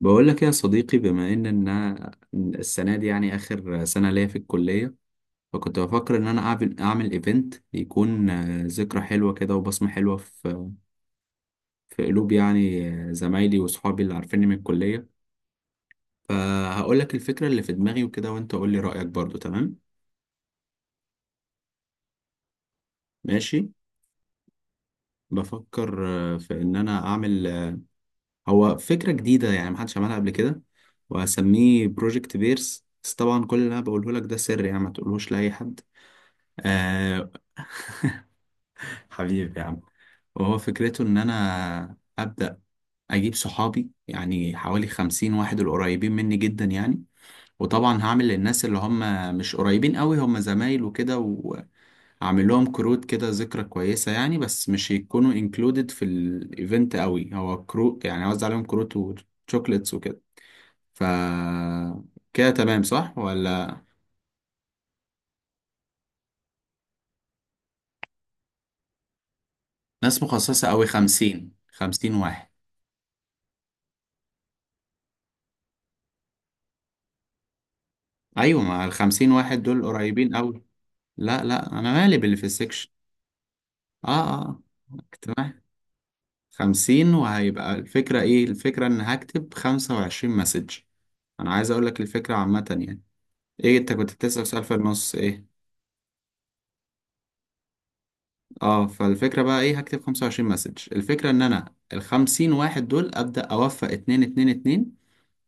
بقول لك إيه يا صديقي، بما إن السنه دي يعني اخر سنه ليا في الكليه، فكنت بفكر ان انا اعمل ايفنت يكون ذكرى حلوه كده وبصمه حلوه في قلوب يعني زمايلي واصحابي اللي عارفيني من الكليه. فهقول لك الفكره اللي في دماغي وكده، وانت قول لي رايك برضو. تمام، ماشي. بفكر في ان انا اعمل هو فكره جديده، يعني محدش عملها قبل كده، وهسميه بروجكت بيرس. بس طبعا كل اللي انا بقوله لك ده سر، يعني ما تقولوش لاي حد. آه، حبيبي يا عم. وهو فكرته ان انا ابدا اجيب صحابي، يعني حوالي 50 واحد القريبين مني جدا يعني. وطبعا هعمل للناس اللي هم مش قريبين قوي، هم زمايل وكده، وهعمل لهم كروت كده ذكرى كويسة يعني، بس مش يكونوا انكلودد في الايفنت قوي. هو كروت يعني، اوزع عليهم كروت وشوكليتس وكده. ف كده تمام صح ولا؟ ناس مخصصة قوي، خمسين، خمسين واحد. ايوه، مع ال50 واحد دول قريبين قوي. لا، انا مالي باللي في السكشن. اه، اه، اجتماعي. 50، وهيبقى الفكرة ايه؟ الفكرة ان هكتب 25 مسج. انا عايز اقول لك الفكرة عامة يعني. ايه، انت كنت بتسأل سؤال في النص، ايه؟ اه، فالفكرة بقى ايه؟ هكتب 25 مسج. الفكرة ان انا ال50 واحد دول ابدأ اوفق اتنين اتنين اتنين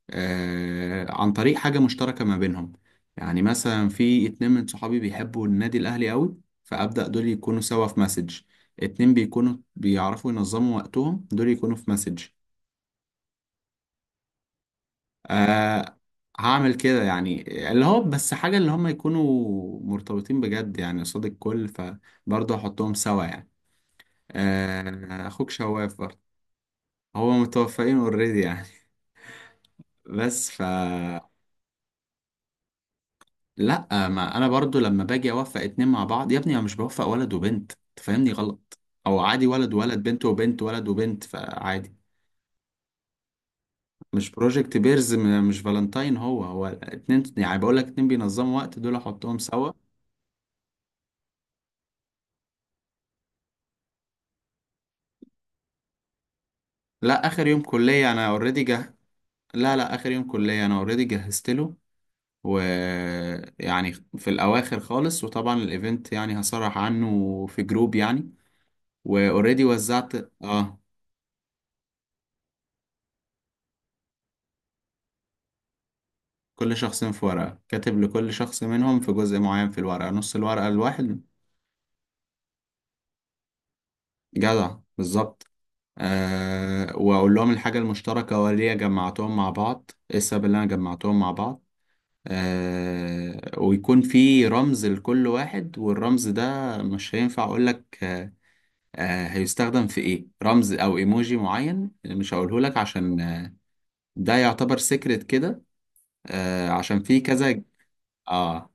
عن طريق حاجة مشتركة ما بينهم. يعني مثلا في اتنين من صحابي بيحبوا النادي الأهلي قوي، فأبدأ دول يكونوا سوا في مسج. اتنين بيكونوا بيعرفوا ينظموا وقتهم، دول يكونوا في مسج. أه، هعمل كده يعني، اللي هو بس حاجة اللي هم يكونوا مرتبطين بجد يعني قصاد الكل، فبرضه هحطهم سوا يعني. أه، أخوك شواف برضه. هو متوفقين اوريدي يعني. بس لا، ما انا برضو لما باجي اوفق اتنين مع بعض يا ابني، انا مش بوفق ولد وبنت، تفهمني غلط. او عادي ولد ولد، بنت وبنت، ولد وبنت، فعادي. مش بروجكت بيرز، مش فالنتاين. هو اتنين يعني، بقول لك اتنين بينظموا وقت دول احطهم سوا. لا، اخر يوم كلية، انا اوريدي جه. لا، اخر يوم كلية، انا اوريدي جهزت له. ويعني في الاواخر خالص، وطبعا الايفنت يعني هصرح عنه في جروب يعني. واوريدي وزعت. اه. كل شخص في ورقة، كاتب لكل شخص منهم في جزء معين في الورقة، نص الورقة الواحد. جدع، بالظبط. أه، وأقول لهم الحاجة المشتركة وليه جمعتهم مع بعض، إيه السبب اللي أنا جمعتهم مع بعض. أه، ويكون في رمز لكل واحد، والرمز ده مش هينفع أقولك. أه، هيستخدم في إيه رمز أو إيموجي معين مش هقوله لك، عشان ده يعتبر سيكريت كده. أه، عشان في كذا. آه.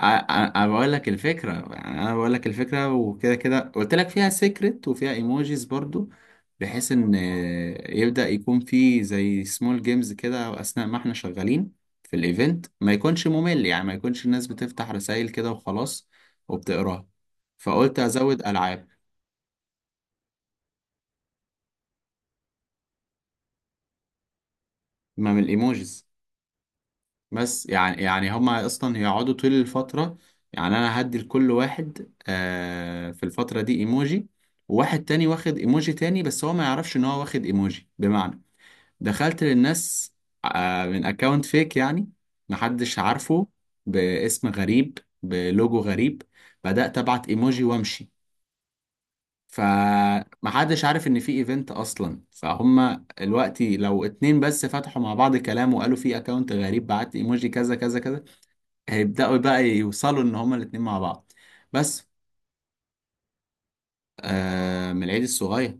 انا بقول لك الفكره يعني، انا بقول لك الفكره وكده، كده قلت لك فيها سيكريت وفيها ايموجيز برضو، بحيث ان يبدا يكون في زي سمول جيمز كده اثناء ما احنا شغالين في الايفنت، ما يكونش ممل يعني، ما يكونش الناس بتفتح رسائل كده وخلاص وبتقراها. فقلت ازود العاب. ما من الايموجيز. بس يعني، هما اصلا يقعدوا طول الفترة يعني. انا هدي لكل واحد آه في الفترة دي ايموجي، وواحد تاني واخد ايموجي تاني، بس هو ما يعرفش ان هو واخد ايموجي. بمعنى، دخلت للناس من اكونت فيك يعني، محدش عارفه، باسم غريب بلوجو غريب. بدأت ابعت ايموجي وامشي. فمحدش عارف ان في ايفنت اصلا. فهم دلوقتي لو اتنين بس فتحوا مع بعض كلام وقالوا في اكونت غريب بعت ايموجي كذا كذا كذا، هيبدأوا بقى يوصلوا إن هما الاتنين مع بعض. بس من العيد الصغير،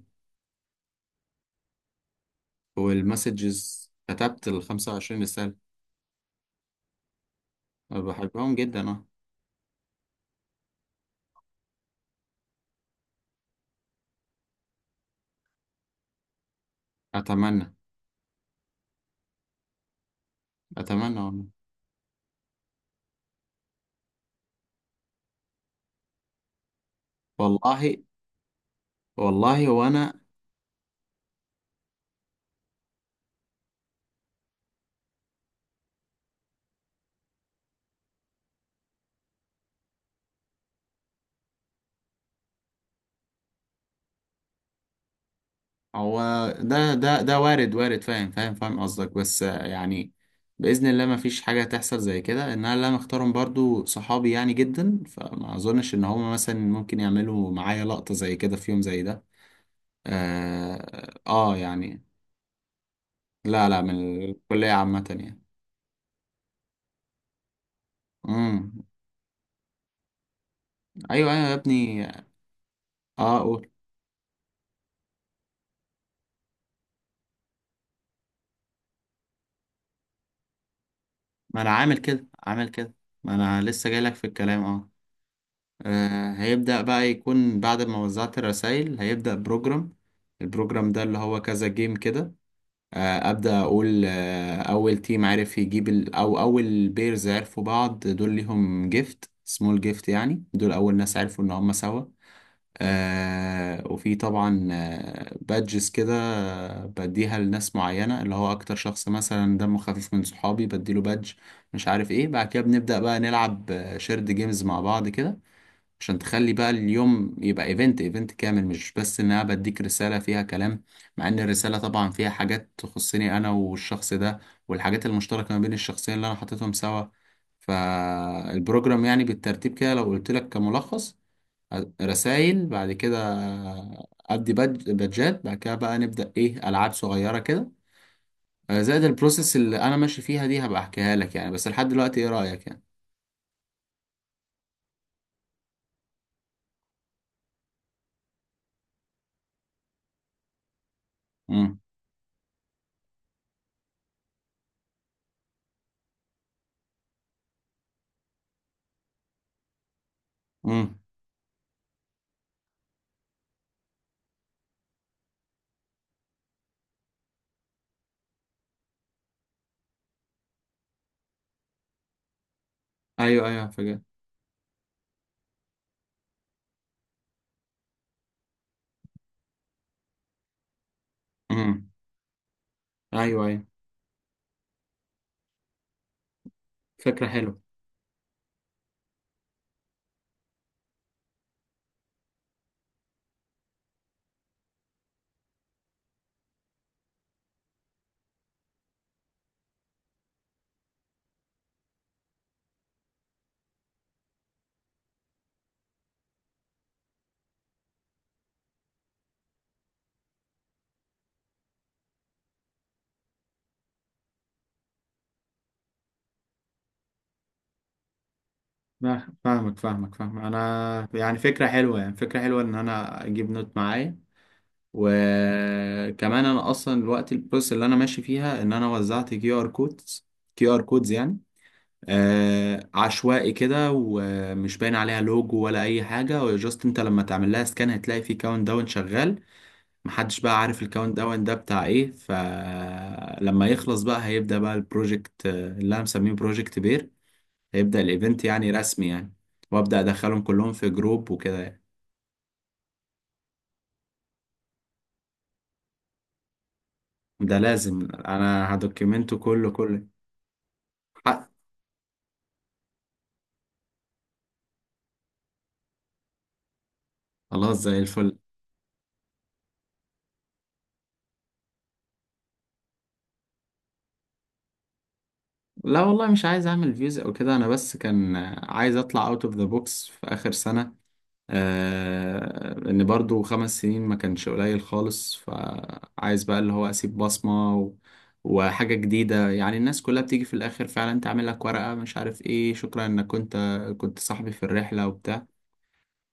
والمسجز كتبت ال 25 رسالة. أنا بحبهم جدا، أه. أتمنى. أتمنى والله. والله. والله وأنا. هو ده وارد، وارد. فاهم قصدك، بس يعني بإذن الله ما فيش حاجة تحصل زي كده. إن أنا اللي أنا اختارهم برضو صحابي يعني جدا، فما أظنش إن هما مثلا ممكن يعملوا معايا لقطة زي كده في يوم زي ده. آه, آه يعني. لا، من الكلية عامة يعني. امم. ايوه، ايوه يا ابني. اه، قول. ما انا عامل كده، عامل كده. ما انا لسه جايلك في الكلام، اه. هيبدأ بقى يكون بعد ما وزعت الرسائل، هيبدأ بروجرام. البروجرام ده اللي هو كذا جيم كده. أبدأ أقول أول تيم عرف يجيب أو أول بيرز عرفوا بعض، دول ليهم جيفت، سمول جيفت يعني. دول أول ناس عرفوا إن هما سوا. آه، وفي طبعا بادجز كده، بديها لناس معينة، اللي هو أكتر شخص مثلا دمه خفيف من صحابي بديله بادج. مش عارف ايه. بعد كده بنبدأ بقى نلعب شيرد جيمز مع بعض كده، عشان تخلي بقى اليوم يبقى ايفنت، ايفنت كامل، مش بس ان انا بديك رسالة فيها كلام، مع ان الرسالة طبعا فيها حاجات تخصني انا والشخص ده، والحاجات المشتركة ما بين الشخصين اللي انا حطيتهم سوا. فالبروجرام يعني بالترتيب كده، لو قلت لك كملخص: رسائل، بعد كده ادي بادجات، بعد كده بقى نبدأ ايه، العاب صغيرة كده. زائد البروسيس اللي انا ماشي فيها دي هبقى احكيها لك يعني. بس لحد دلوقتي ايه رأيك يعني؟ امم. امم. ايوه، ايوه فاجأت. امم. ايوه، ايوه، فكرة حلوة. فاهمك انا يعني، فكرة حلوة يعني، فكرة حلوة ان انا اجيب نوت معايا. وكمان انا اصلا الوقت البروسيس اللي انا ماشي فيها ان انا وزعت كيو ار كودز. كيو ار كودز يعني عشوائي كده، ومش باين عليها لوجو ولا اي حاجه. جاست انت لما تعمل لها سكان هتلاقي في كاونت داون شغال. محدش بقى عارف الكاونت داون ده بتاع ايه. فلما يخلص بقى، هيبدا بقى البروجكت اللي انا مسميه بروجكت بير. هيبدا الايفنت يعني رسمي يعني، وابدا ادخلهم كلهم في جروب وكده يعني. ده لازم، انا هدوكيمنته كله. حق. خلاص، زي الفل. لا والله، مش عايز اعمل فيوز او كده. انا بس كان عايز اطلع اوت اوف ذا بوكس في اخر سنه. لأن برضو 5 سنين ما كانش قليل خالص، فعايز بقى اللي هو أسيب بصمة و... وحاجة جديدة يعني. الناس كلها بتيجي في الآخر فعلا تعمل لك ورقة مش عارف إيه، شكرا إنك كنت صاحبي في الرحلة وبتاع.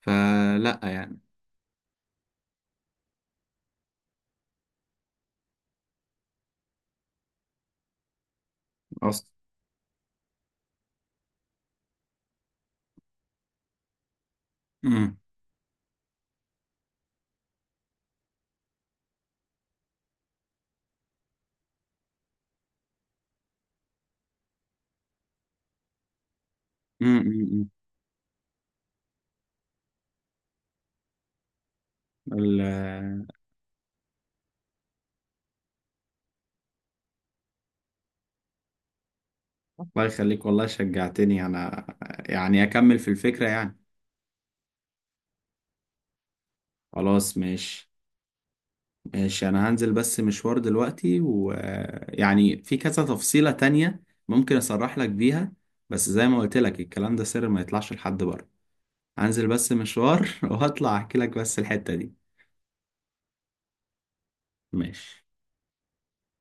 فلا يعني. أصلا. مم. مم، مم، مم. ال... الله يخليك والله، شجعتني أنا يعني أكمل في الفكرة يعني. خلاص، ماشي. ماشي، انا هنزل بس مشوار دلوقتي، ويعني في كذا تفصيلة تانية ممكن اصرح لك بيها. بس زي ما قلت لك الكلام ده سر، ما يطلعش لحد بره. هنزل بس مشوار وهطلع احكي لك بس الحتة دي. ماشي.